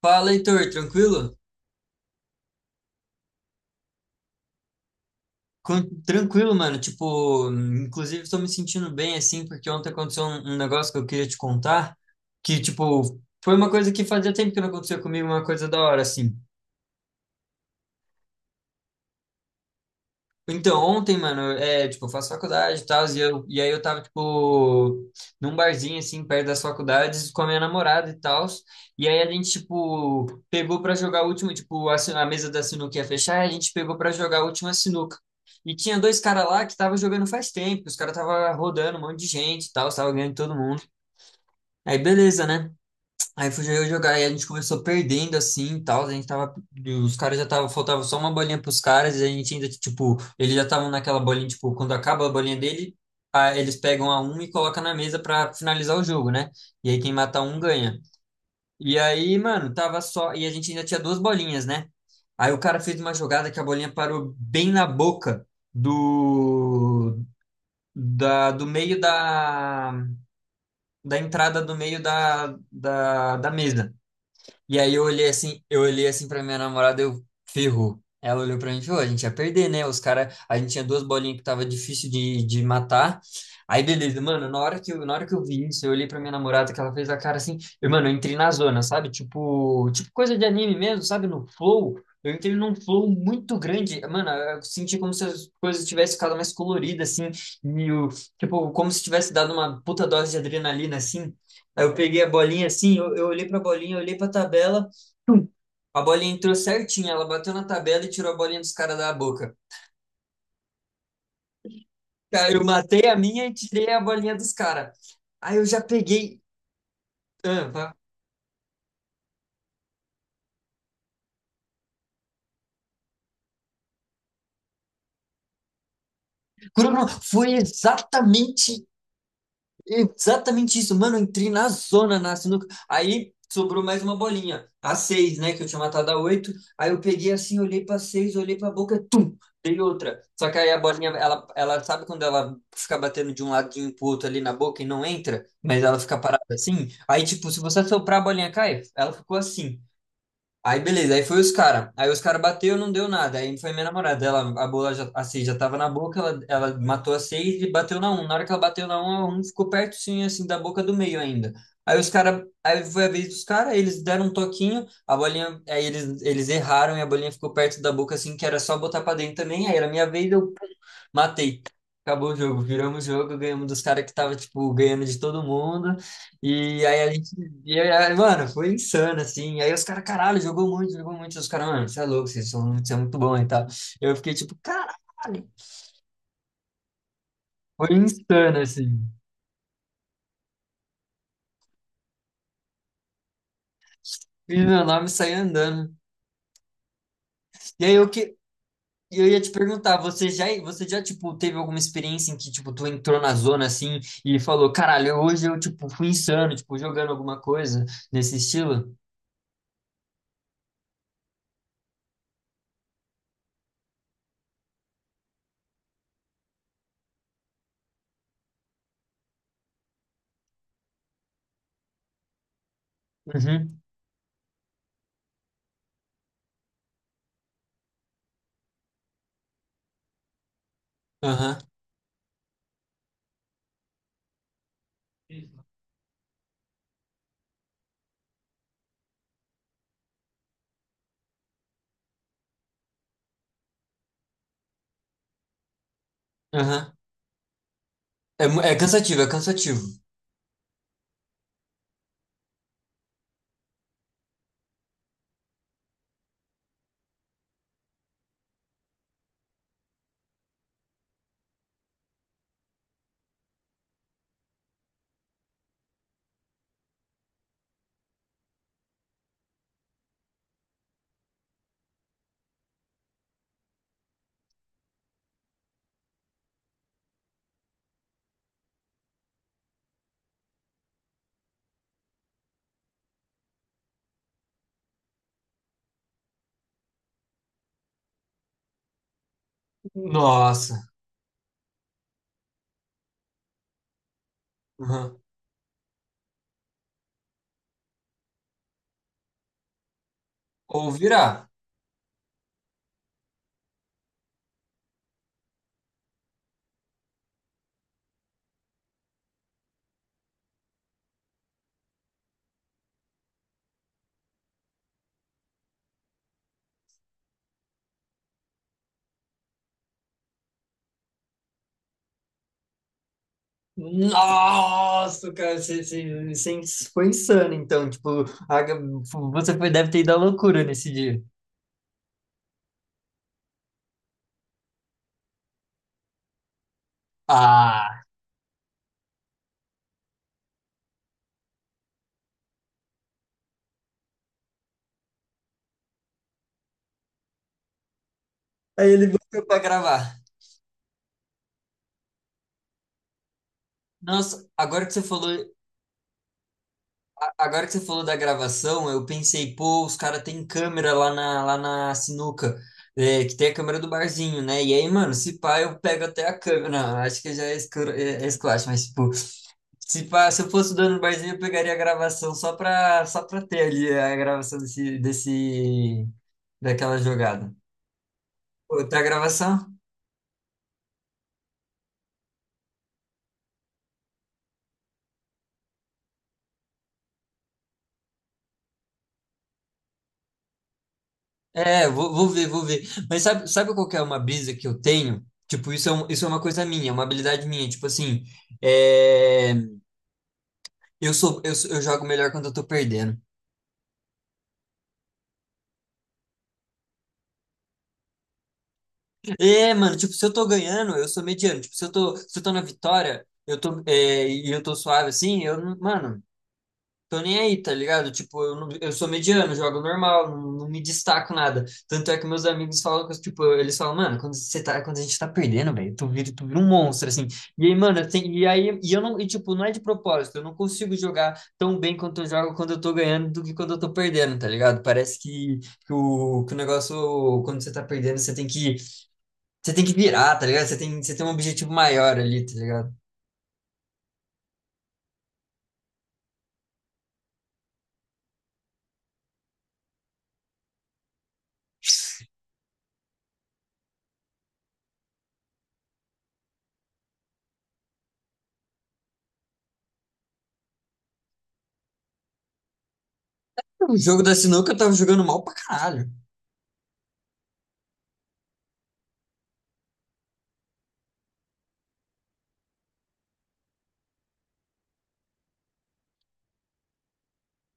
Fala, Heitor, tranquilo? Tranquilo, mano. Tipo, inclusive estou me sentindo bem assim, porque ontem aconteceu um negócio que eu queria te contar, que, tipo, foi uma coisa que fazia tempo que não acontecia comigo, uma coisa da hora, assim. Então, ontem, mano, é, tipo, eu faço faculdade e tal, e aí eu tava, tipo, num barzinho, assim, perto das faculdades, com a minha namorada e tal, e aí a gente, tipo, pegou pra jogar a última, tipo, a mesa da sinuca ia fechar, e a gente pegou pra jogar a última sinuca. E tinha dois caras lá que tava jogando faz tempo, os caras tava rodando um monte de gente e tal, tava ganhando todo mundo. Aí, beleza, né? Aí fui eu jogar e a gente começou perdendo assim e tal. A gente tava. Os caras já tava. Faltava só uma bolinha pros caras e a gente ainda, tipo. Eles já estavam naquela bolinha, tipo, quando acaba a bolinha dele, eles pegam a um e colocam na mesa pra finalizar o jogo, né? E aí quem mata um ganha. E aí, mano, tava só. E a gente ainda tinha duas bolinhas, né? Aí o cara fez uma jogada que a bolinha parou bem na boca do. Da, do meio da. Da entrada do meio da mesa. E aí eu olhei assim pra minha namorada, eu ferrou. Ela olhou pra mim e falou, a gente ia perder, né? Os caras, a gente tinha duas bolinhas que tava difícil de matar. Aí beleza, mano, na hora que eu, na hora que eu vi isso, eu olhei pra minha namorada que ela fez a cara assim, eu, mano, eu entrei na zona, sabe? Tipo, tipo coisa de anime mesmo, sabe? No flow. Eu entrei num flow muito grande, mano, eu senti como se as coisas tivessem ficado mais coloridas, assim, e o, tipo, como se tivesse dado uma puta dose de adrenalina, assim. Aí eu peguei a bolinha assim, eu olhei pra bolinha, eu olhei pra tabela, a bolinha entrou certinho, ela bateu na tabela e tirou a bolinha dos caras da boca. Cara, eu matei a minha e tirei a bolinha dos caras. Aí eu já peguei. Ah, vá. Bruno, foi exatamente Exatamente isso, mano. Eu entrei na zona na sinuca. Aí sobrou mais uma bolinha, a seis, né? Que eu tinha matado a oito. Aí eu peguei assim, olhei pra seis, olhei pra boca, tum, dei outra. Só que aí a bolinha, ela sabe quando ela fica batendo de um ladinho pro outro ali na boca e não entra, mas ela fica parada assim? Aí, tipo, se você soprar a bolinha cai, ela ficou assim. Aí beleza, aí foi os cara. Aí os cara bateu, não deu nada. Aí foi minha namorada, ela a bola já assim já tava na boca, ela matou a seis e bateu na um. Na hora que ela bateu na um, a um ficou pertinho assim da boca do meio ainda. Aí os cara, aí foi a vez dos cara, eles deram um toquinho, a bolinha, aí eles erraram e a bolinha ficou perto da boca assim que era só botar pra dentro também. Aí era minha vez, eu pum, matei. Acabou o jogo, viramos o jogo, ganhamos dos cara que tava tipo ganhando de todo mundo. E aí mano, foi insano, assim. Aí os caras, caralho, jogou muito, jogou muito. Os caras, mano, você é louco, vocês são, você é muito bom e tal. Eu fiquei tipo, caralho, foi insano, assim. Fiz meu nome e saí andando. E aí eu que. Eu ia te perguntar, você já, tipo, teve alguma experiência em que, tipo, tu entrou na zona, assim, e falou, caralho, hoje eu, tipo, fui insano, tipo, jogando alguma coisa nesse estilo? Uhum, aham, aham. É, é cansativo, é cansativo. Nossa. Aham. Ou virar. Nossa, cara, você foi insano, então. Tipo, você foi, deve ter ido à loucura nesse dia. Ah! Aí ele voltou pra gravar. Nossa, agora que você falou, agora que você falou da gravação, eu pensei, pô, os caras têm câmera lá na sinuca, é, que tem a câmera do barzinho, né? E aí, mano, se pá, eu pego até a câmera. Não, acho que já é esculacho, é esculacho, mas, tipo, se eu fosse o dono do barzinho, eu pegaria a gravação só pra ter ali a gravação daquela jogada. Pô, tá a gravação? É, vou ver, vou ver. Mas sabe, sabe qual que é uma brisa que eu tenho? Tipo, isso é, isso é uma coisa minha, é uma habilidade minha. Tipo assim, é, eu jogo melhor quando eu tô perdendo. É, mano, tipo, se eu tô ganhando, eu sou mediano. Tipo, se eu tô na vitória, eu tô, eu tô suave assim, eu, não- mano. Tô nem aí, tá ligado? Tipo, eu, não- eu sou mediano, jogo normal, não, não me destaco nada. Tanto é que meus amigos falam, que, eu, tipo, eles falam, mano, quando você tá, quando a gente tá perdendo, velho, tu vira um monstro, assim. E aí, mano, e aí, e tipo, não é de propósito, eu não consigo jogar tão bem quanto eu jogo quando eu tô ganhando do que quando eu tô perdendo, tá ligado? Parece que, que o negócio, quando você tá perdendo, você tem que virar, tá ligado? Você tem um objetivo maior ali, tá ligado? O jogo da sinuca eu tava jogando mal pra caralho.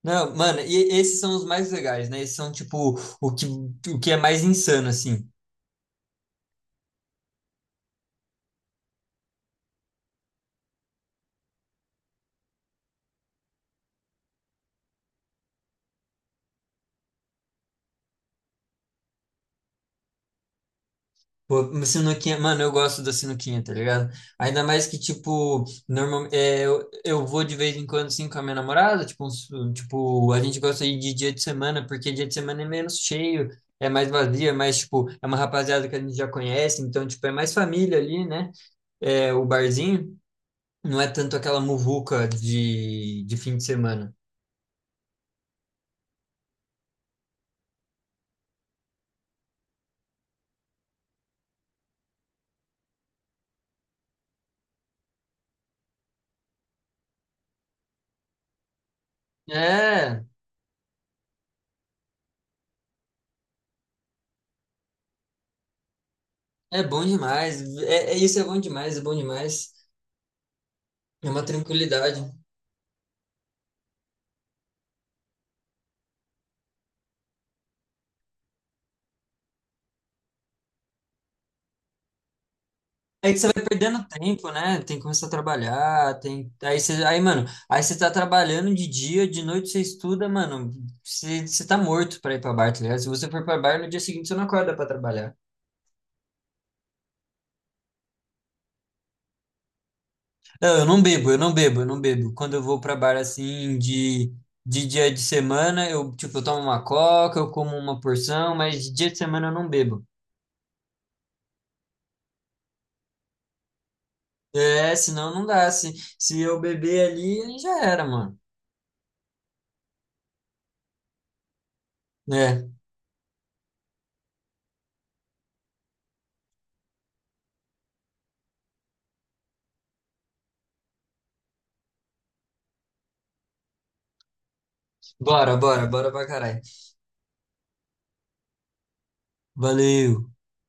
Não, mano, e esses são os mais legais, né? Esses são, tipo, o que, o que é mais insano, assim. Pô, uma sinuquinha, mano, eu gosto da sinuquinha, tá ligado? Ainda mais que, tipo, normal, é, eu vou de vez em quando, assim, com a minha namorada, tipo, tipo, a gente gosta de ir de dia de semana, porque dia de semana é menos cheio, é mais vazio, é mais, tipo, é uma rapaziada que a gente já conhece, então, tipo, é mais família ali, né? É, o barzinho não é tanto aquela muvuca de fim de semana. É, é bom demais. É, isso é bom demais, é bom demais. É uma tranquilidade. É que você vai perdendo tempo, né? Tem que começar a trabalhar, tem aí você aí, mano, aí você tá trabalhando de dia, de noite você estuda, mano, você, você tá morto pra ir pra bar, tá ligado? Se você for pra bar no dia seguinte você não acorda pra trabalhar. Não, eu não bebo, eu não bebo, eu não bebo. Quando eu vou pra bar assim de dia de semana, eu tipo, eu tomo uma coca, eu como uma porção, mas de dia de semana eu não bebo. É, senão não dá. Se eu beber ali, aí já era, mano. É. Bora, bora, bora pra caralho. Valeu.